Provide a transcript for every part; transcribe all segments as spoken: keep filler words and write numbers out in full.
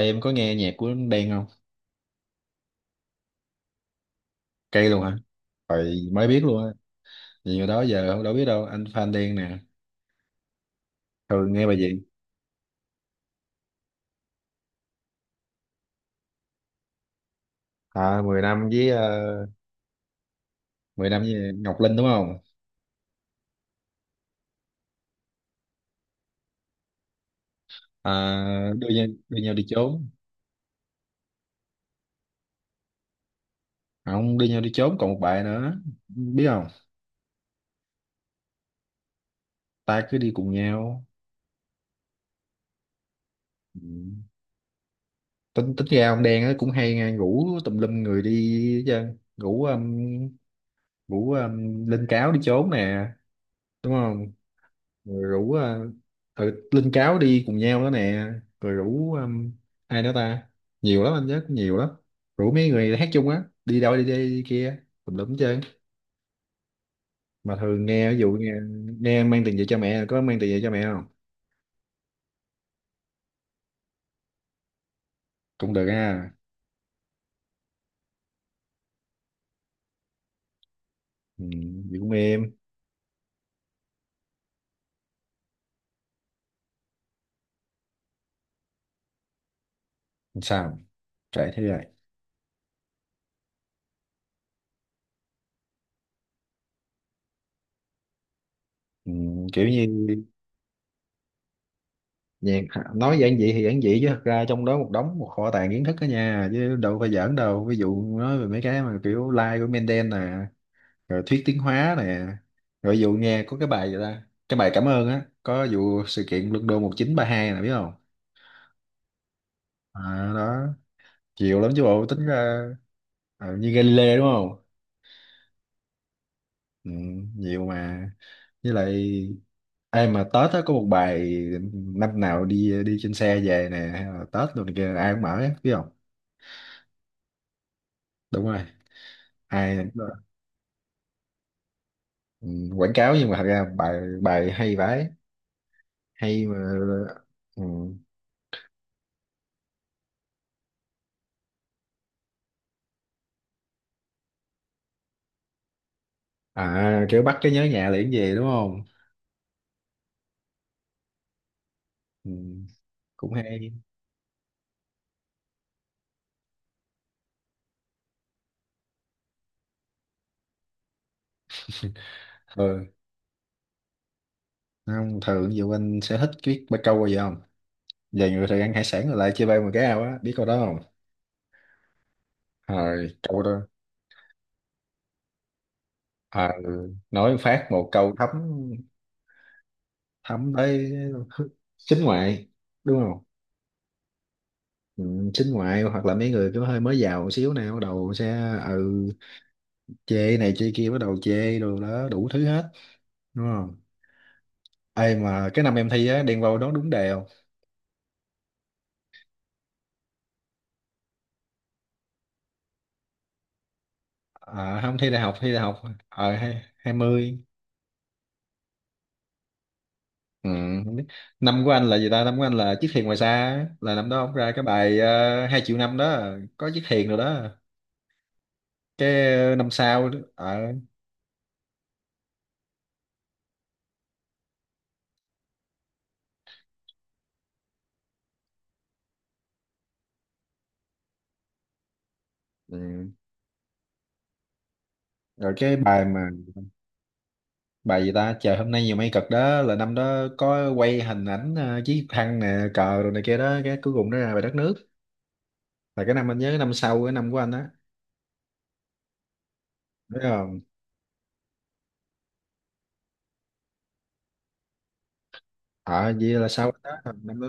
Ê, em có nghe nhạc của Đen không? Cây luôn hả? Vậy mới biết luôn á. Nhiều đó giờ không đâu biết đâu. Anh fan Đen nè. Thường nghe bài gì? À, mười năm với ờ, mười năm với Ngọc Linh đúng không? À, đưa nhau, đưa nhau đi trốn. À, không đưa nhau đi trốn còn một bài nữa. Biết không? Ta cứ đi cùng nhau. Ừ. Tính tính ra ông Đen á cũng hay nghe rủ tùm lum người đi chứ. Rủ um, rủ um, Linh Cáo đi trốn nè. Đúng không? Rồi rủ ờ, ừ, Linh Cáo đi cùng nhau đó nè. Rồi rủ um, ai nữa ta? Nhiều lắm anh nhớ cũng nhiều lắm, rủ mấy người hát chung á đi đâu đi đây đi kia tùm lum chơi. Mà thường nghe ví dụ nghe, nghe mang tiền về cho mẹ, có mang tiền về cho mẹ không? Cũng được ha. Ừ, vậy cũng êm. Làm sao trễ thế rồi. Ừ, kiểu như Nhàn, nói giản dị thì giản dị chứ thật ra trong đó một đống, một kho tàng kiến thức đó nha, chứ đâu phải giỡn đâu, ví dụ nói về mấy cái mà kiểu like của Mendel nè, rồi thuyết tiến hóa nè, rồi ví dụ nghe có cái bài gì ta, cái bài cảm ơn á có vụ sự kiện London một chín ba hai nè, biết không? À, đó. Nhiều lắm chứ bộ, tính ra. Ờ, như Galileo đúng không? Ừ, nhiều mà. Với lại ai mà Tết á có một bài, năm nào đi đi trên xe về nè, hay là Tết rồi này kia ai cũng mở á, biết không? Đúng rồi. Ai? Ừ, quảng cáo nhưng mà thật ra bài bài hay vãi. Hay mà. Ừ. À kiểu bắt cái nhớ nhà liền về đúng không? Ừ. Cũng hay. Ừ. Không, thường ví dụ anh sẽ thích biết bắt câu bao giờ không, về người thường ăn hải sản rồi lại chia bay một cái ao á, biết câu đó không? Rồi câu đó. À, ừ. Nói phát một câu thấm, thấm tới. Chính ngoại đúng không? Ừ, chính ngoại hoặc là mấy người cứ hơi mới giàu một xíu nè bắt đầu sẽ ừ, chê này chê kia, bắt đầu chê đồ đó đủ thứ hết. Đúng không? Ai mà cái năm em thi á, đen vâu đó đúng đề không? À, không, thi đại học, thi đại học. Ờ hai hai mươi. Ừ, không biết. Năm của anh là gì ta, năm của anh là chiếc thuyền ngoài xa á. Là năm đó ông ra cái bài ờ, hai triệu năm đó. Có chiếc thuyền rồi đó. Cái ờ, năm sau đó, ờ, ừ. Rồi cái bài mà, bài gì ta, trời hôm nay nhiều mây cực đó là năm đó có quay hình ảnh ờ, chiếc thăng nè cờ rồi này kia đó, cái cuối cùng nó ra bài đất nước, là cái năm anh nhớ, cái năm sau cái năm của anh đó. Đúng không? Ờ, vậy là sau đó, năm đó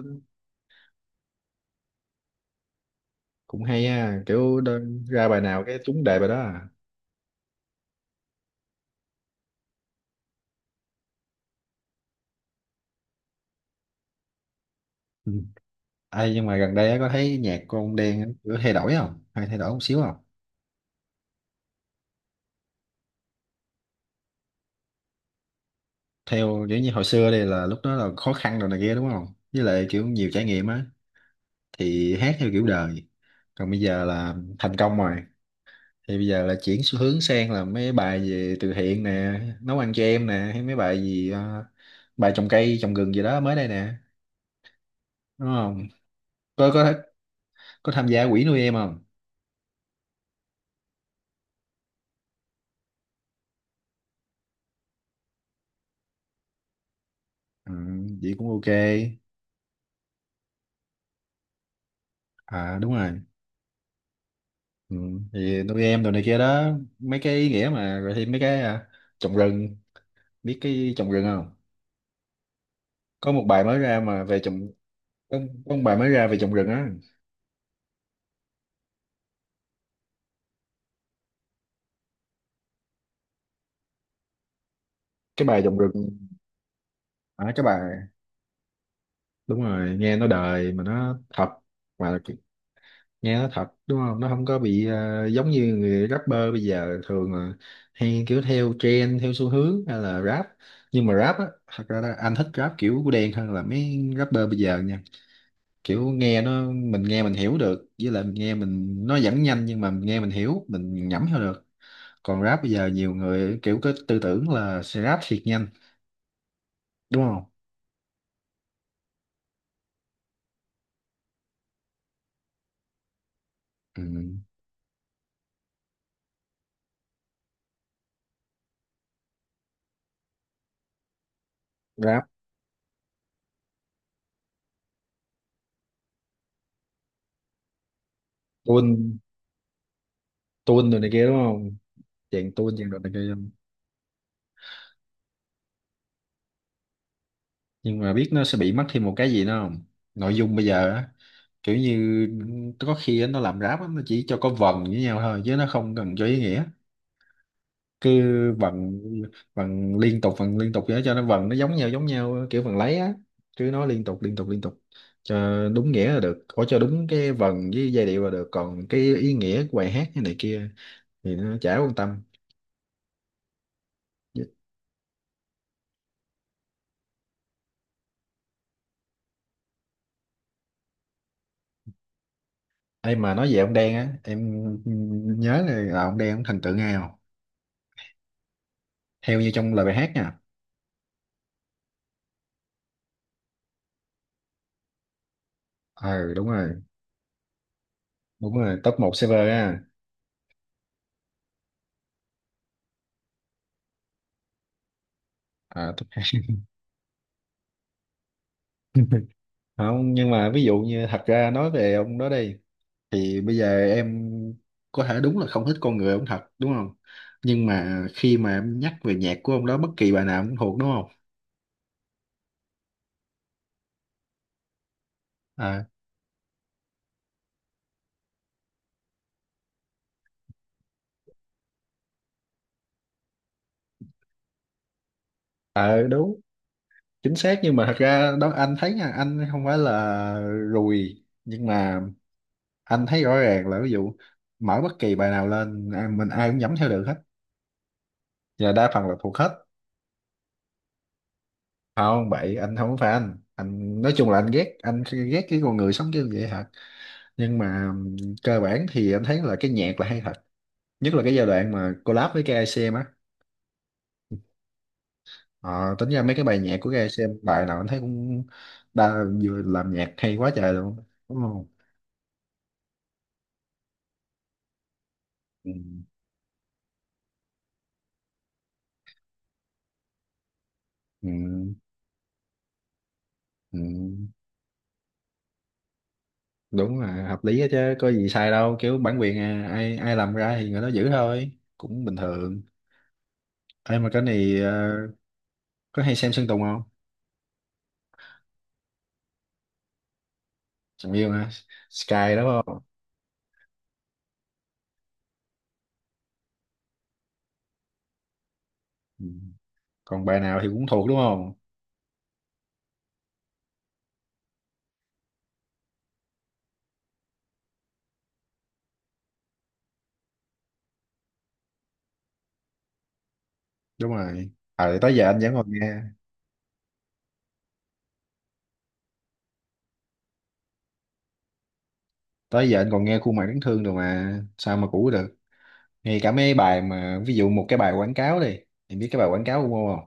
cũng hay ha, kiểu đơn, ra bài nào cái trúng đề bài đó à. Ừ. Ê, nhưng mà gần đây á, có thấy nhạc của ông Đen á, kiểu thay đổi không? Hay thay đổi một xíu không? Theo kiểu như hồi xưa đây, là lúc đó là khó khăn rồi này kia đúng không? Với lại kiểu nhiều trải nghiệm á, thì hát theo kiểu đời. Còn bây giờ là thành công rồi. Thì bây giờ là chuyển xu hướng sang là mấy bài về từ thiện nè, nấu ăn cho em nè, hay mấy bài gì, ờ, bài trồng cây, trồng rừng gì đó mới đây nè, đúng không? Có có. Có tham gia quỹ nuôi em không? Ừ, vậy cũng ok. À đúng rồi. Ừ, thì nuôi em đồ này kia đó, mấy cái ý nghĩa mà rồi thêm mấy cái à, trồng rừng. Biết cái trồng rừng không? Có một bài mới ra mà về trồng. có, có một bài mới ra về trồng rừng á. Cái bài trồng rừng. À cái bài, đúng rồi, nghe nó đời mà nó thật. Mà nghe nó thật đúng không, nó không có bị ờ, giống như người rapper bây giờ thường là hay kiểu theo trend theo xu hướng hay là rap. Nhưng mà rap á thật ra là anh thích rap kiểu của đen hơn là mấy rapper bây giờ nha, kiểu nghe nó mình nghe mình hiểu được, với lại mình nghe mình nó vẫn nhanh nhưng mà mình nghe mình hiểu mình nhẩm theo được. Còn rap bây giờ nhiều người kiểu cái tư tưởng là sẽ rap thiệt nhanh, đúng không? Ừ. Rap tuôn, tuôn rồi này kia đúng không, chàng tuôn chàng rồi này kia. Nhưng mà biết nó sẽ bị mất thêm một cái gì nữa không? Nội dung bây giờ á, kiểu như có khi á, nó làm ráp á, nó chỉ cho có vần với nhau thôi chứ nó không cần cho ý nghĩa. Cứ vần, vần liên tục vần liên tục vậy đó, cho nó vần nó giống nhau giống nhau kiểu vần lấy á, cứ nói liên tục liên tục liên tục cho đúng nghĩa là được, có cho đúng cái vần với giai điệu là được, còn cái ý nghĩa của bài hát cái này kia thì nó chả quan tâm. Em mà nói về ông Đen á, em nhớ là, là ông Đen ông thần tượng ai không, theo như trong lời bài hát nha. Ừ đúng rồi, đúng rồi, top một server á. À, top hai. Không, nhưng mà ví dụ như thật ra nói về ông đó đi, thì bây giờ em có thể đúng là không thích con người ông thật, đúng không, nhưng mà khi mà em nhắc về nhạc của ông đó bất kỳ bài nào cũng thuộc đúng không? À. Ờ đúng. Chính xác, nhưng mà thật ra đó anh thấy nha, anh không phải là rùi, nhưng mà anh thấy rõ ràng là ví dụ mở bất kỳ bài nào lên à, mình ai cũng nhắm theo được hết và đa phần là thuộc hết. Không bậy, anh không phải anh anh nói chung là anh ghét, anh ghét cái con người sống như vậy thật, nhưng mà ừm, cơ bản thì anh thấy là cái nhạc là hay thật, nhất là cái giai đoạn mà collab với ca i xê em á. Ờ, tính ra mấy cái bài nhạc của ca i xê em bài nào anh thấy cũng đa vừa làm nhạc hay quá trời luôn, đúng không? Ừ, ừ, ừ. Đúng là hợp lý á chứ có gì sai đâu, kiểu bản quyền à, ai ai làm ra thì người đó giữ thôi. Cũng bình thường. Em mà cái này ờ, có hay xem Sơn Tùng không? Chẳng yêu hả? Sky đó phải không? Ừ. Còn bài nào thì cũng thuộc đúng không? Đúng rồi, à, tới giờ anh vẫn còn nghe. Tới giờ anh còn nghe khuôn mặt đáng thương rồi mà sao mà cũ được. Ngay cả mấy bài mà ví dụ một cái bài quảng cáo đi, em biết cái bài quảng cáo của Ngô không?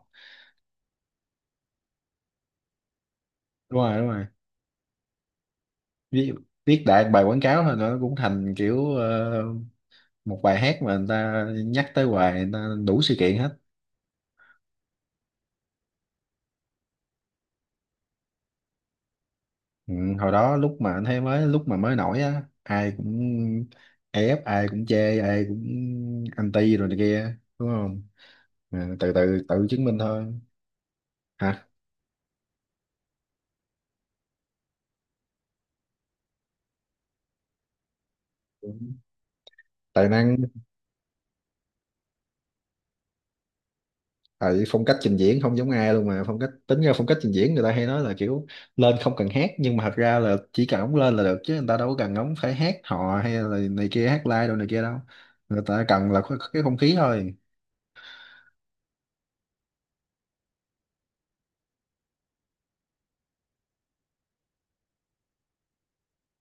Đúng rồi, đúng rồi. Viết Viết đại bài quảng cáo thôi nó cũng thành kiểu ờ, một bài hát mà người ta nhắc tới hoài, người ta đủ sự kiện hết. Ừ, hồi đó lúc mà anh thấy mới, lúc mà mới nổi á ai cũng ép, ai cũng chê, ai cũng anti rồi này kia đúng không? À, từ từ tự chứng minh thôi. Hả? Đúng. Tài năng. Tại phong cách trình diễn không giống ai luôn mà, phong cách, tính ra phong cách trình diễn người ta hay nói là kiểu lên không cần hát nhưng mà thật ra là chỉ cần ống lên là được chứ người ta đâu có cần ống phải hát hò hay là này kia hát live đâu, này kia đâu. Người ta cần là cái cái không khí thôi.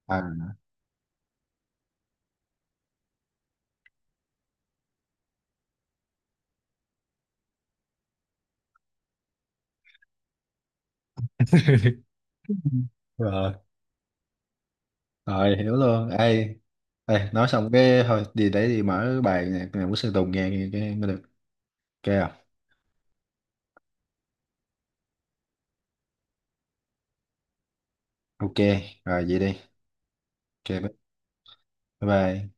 À rồi, rồi hiểu luôn. Ê, ê nói xong cái thôi đi để đi mở bài nhạc này của Sơn Tùng nghe, nghe cái mới được. Ok không? Ok. Rồi vậy đi. Ok. Bye bye.